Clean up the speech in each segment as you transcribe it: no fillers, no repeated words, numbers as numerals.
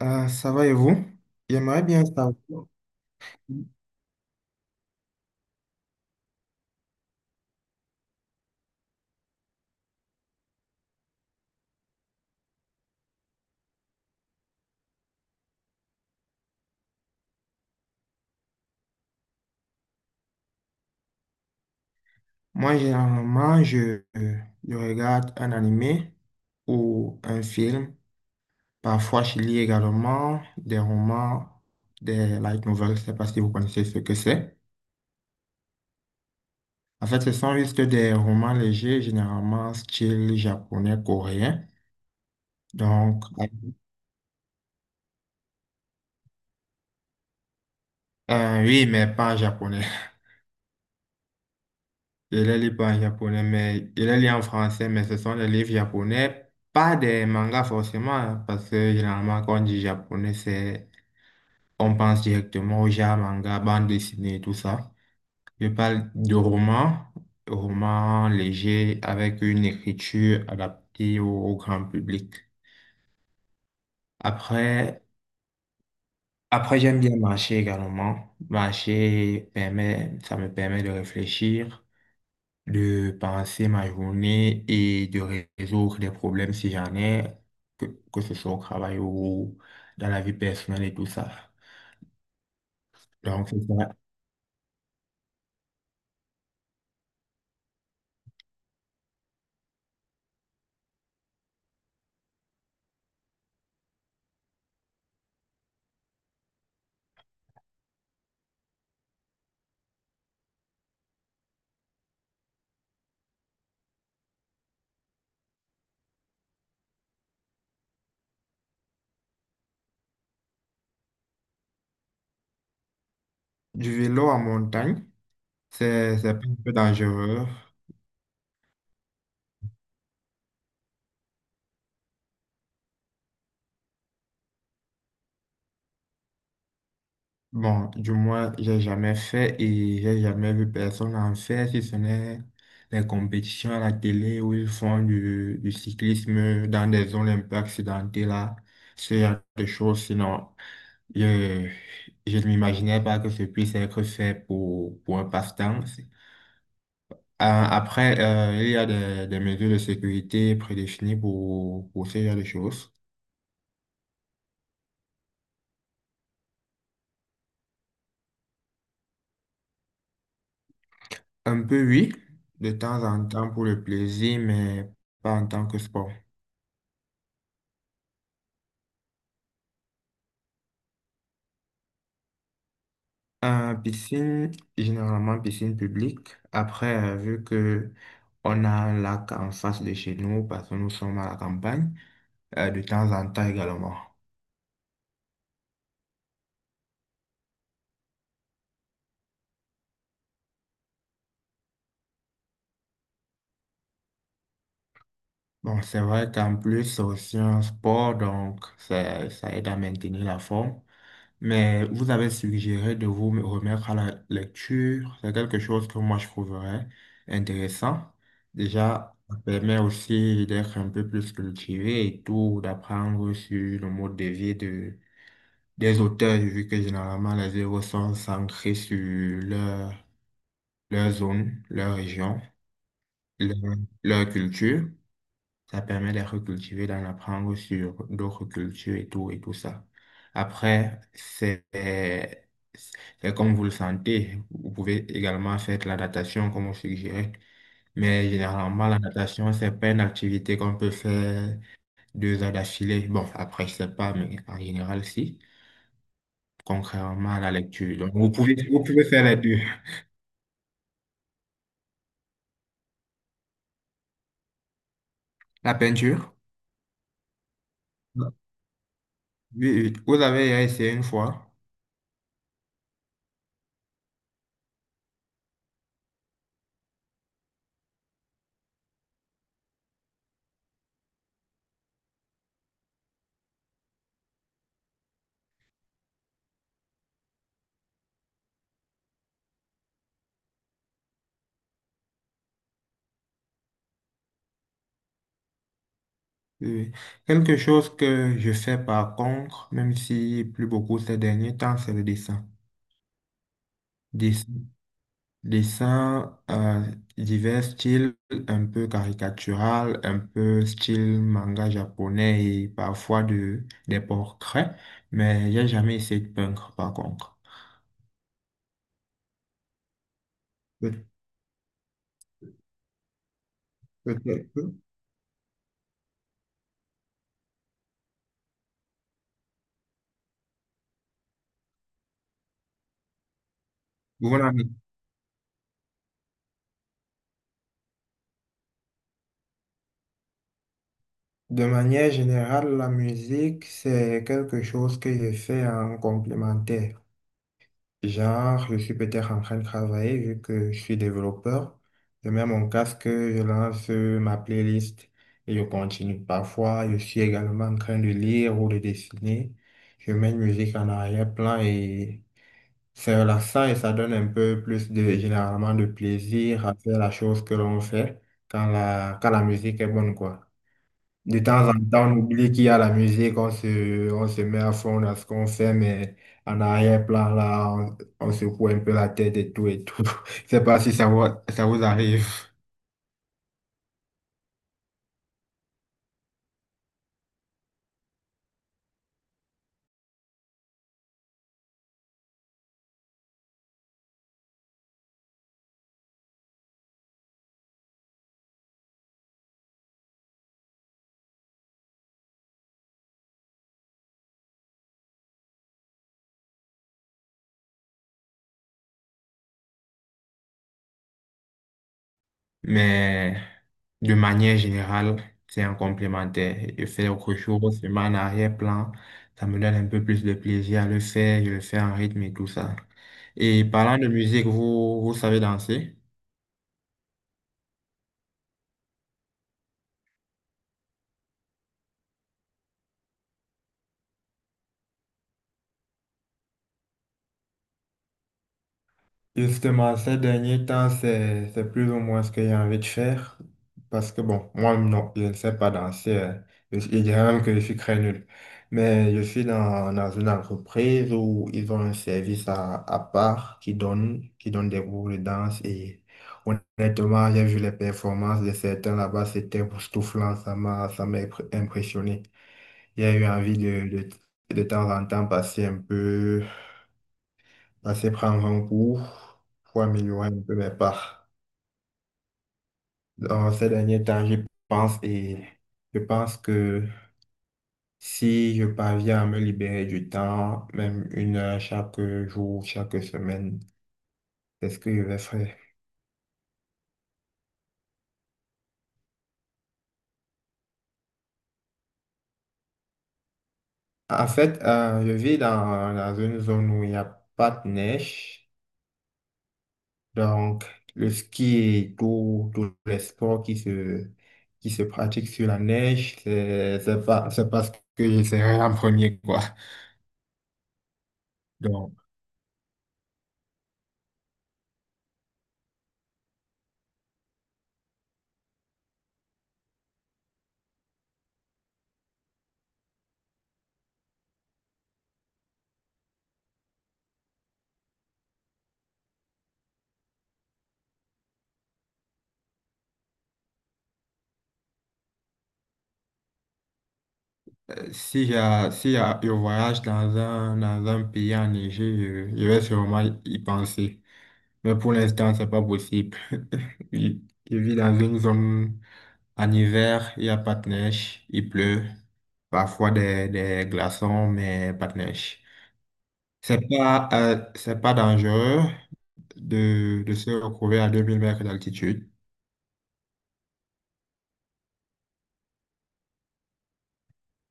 Ah, ça va et vous? J'aimerais bien savoir. Moi, généralement, je regarde un animé ou un film. Parfois, je lis également des romans, des light novels. Je ne sais pas si vous connaissez ce que c'est. En fait, ce sont juste des romans légers, généralement style japonais, coréen. Donc, oui, mais pas japonais. Je les lis pas en japonais, mais je les lis en français, mais ce sont des livres japonais, pas des mangas forcément, hein, parce que généralement, quand on dit japonais, c'est, on pense directement aux manga, bande dessinée, et tout ça. Je parle de romans, romans légers avec une écriture adaptée au grand public. Après, après, j'aime bien marcher également. Ça me permet de réfléchir, de passer ma journée et de résoudre des problèmes si j'en ai, que, que ce soit au travail ou dans la vie personnelle et tout ça. Donc, c'est ça. Du vélo en montagne, c'est un peu dangereux. Bon, du moins, j'ai jamais fait et j'ai jamais vu personne en faire, si ce n'est les compétitions à la télé où ils font du cyclisme dans des zones un peu accidentées là, ce genre de choses. Sinon, je, je ne m'imaginais pas que ce puisse être fait pour un passe-temps. Après, il y a des mesures de sécurité prédéfinies pour ce genre de choses. Un peu, oui, de temps en temps pour le plaisir, mais pas en tant que sport. Piscine, généralement piscine publique. Après, vu que on a un lac en face de chez nous, parce que nous sommes à la campagne, de temps en temps également. Bon, c'est vrai qu'en plus, c'est aussi un sport, donc ça aide à maintenir la forme. Mais vous avez suggéré de vous me remettre à la lecture. C'est quelque chose que moi je trouverais intéressant. Déjà, ça permet aussi d'être un peu plus cultivé et tout, d'apprendre sur le mode de vie des auteurs, vu que généralement les œuvres sont centrées sur leur, leur zone, leur région, leur, leur culture. Ça permet de recultiver, d'en apprendre sur d'autres cultures et tout ça. Après, c'est comme vous le sentez. Vous pouvez également faire de la natation, comme on suggérait. Mais généralement, la natation, c'est pas une activité qu'on peut faire 2 heures d'affilée. Bon, après, je sais pas, mais en général, si. Contrairement à la lecture. Donc, vous pouvez faire les deux. La peinture? Oui, oui. Vous avez essayé une fois. Oui. Quelque chose que je fais par contre, même si plus beaucoup ces derniers temps, c'est le dessin. Des- Dessin, divers styles, un peu caricatural, un peu style manga japonais et parfois des portraits, mais j'ai jamais essayé de peindre par contre. Peut- Peut-être. Voilà. De manière générale, la musique, c'est quelque chose que je fais en complémentaire. Genre, je suis peut-être en train de travailler vu que je suis développeur. Je mets mon casque, je lance ma playlist et je continue. Parfois, je suis également en train de lire ou de dessiner. Je mets une musique en arrière-plan et c'est relaxant et ça donne un peu plus de, généralement, de plaisir à faire la chose que l'on fait quand la musique est bonne, quoi. De temps en temps, on oublie qu'il y a la musique, on se met à fond dans ce qu'on fait, mais en arrière-plan, là, on secoue un peu la tête et tout et tout. Je sais pas si ça vous arrive, mais de manière générale, c'est un complémentaire. Je fais autre chose, je mets en arrière-plan, ça me donne un peu plus de plaisir à le faire, je le fais en rythme et tout ça. Et parlant de musique, vous savez danser? Justement, ces derniers temps, c'est plus ou moins ce que j'ai envie de faire. Parce que bon, moi, non, je ne sais pas danser, hein. Je dirais même que je suis très nul. Mais je suis dans une entreprise où ils ont un service à part qui donne des cours de danse. Et honnêtement, j'ai vu les performances de certains là-bas. C'était époustouflant. Ça m'a impressionné. J'ai eu envie de temps en temps passer un peu assez prendre un cours pour améliorer un peu mes parts. Dans ces derniers temps, j'y pense et je pense que si je parviens à me libérer du temps, même 1 heure chaque jour, chaque semaine, c'est ce que je vais faire. En fait, je vis dans une zone où il n'y a pas de neige, donc le ski et tous les sports qui se pratiquent sur la neige, c'est pas ce que j'essaierai en premier, quoi. Donc, Si, j'ai- si j'ai je voyage dans un pays enneigé, je vais sûrement y penser. Mais pour l'instant, c'est pas possible. Je, je vis dans une zone en hiver, il n'y a pas de neige, il pleut, parfois des glaçons, mais pas de neige. C'est pas dangereux de se retrouver à 2 000 mètres d'altitude.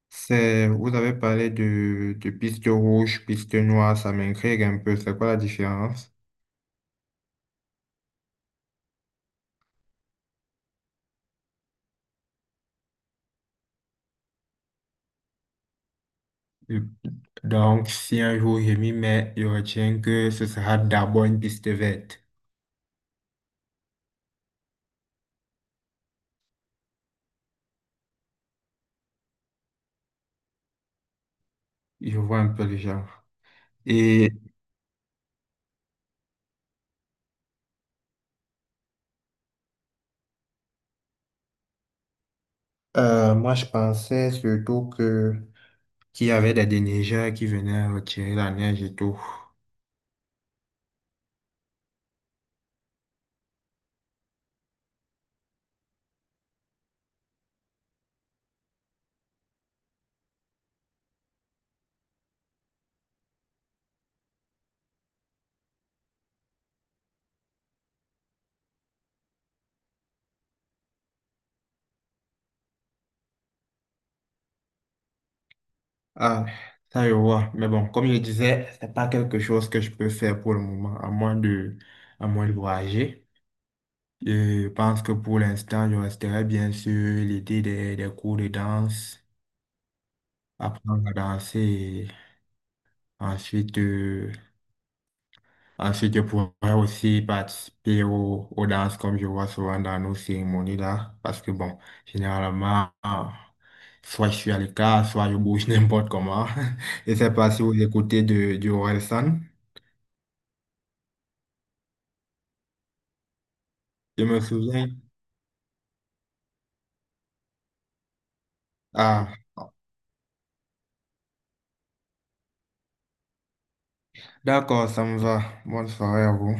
Vous avez parlé de piste rouge, piste noire, ça m'intrigue un peu. C'est quoi la différence? Donc, si un jour je m'y mets, je retiens que ce sera d'abord une piste verte. Je vois un peu le genre. Et moi, je pensais surtout que qu'il y avait des déneigeurs qui venaient retirer la neige et tout. Ah, ça, je vois. Mais bon, comme je disais, c'est pas quelque chose que je peux faire pour le moment, à moins de voyager. Je pense que pour l'instant, je resterai bien sûr l'idée des cours de danse, apprendre à danser, et Ensuite, euh, ensuite, je pourrais aussi participer aux danses comme je vois souvent dans nos cérémonies là, parce que bon, généralement, soit je suis à l'écart, soit je bouge n'importe comment. Je sais pas si vous écoutez du Orelsan. Je me souviens. Ah, d'accord, ça me va. Bonne soirée à vous.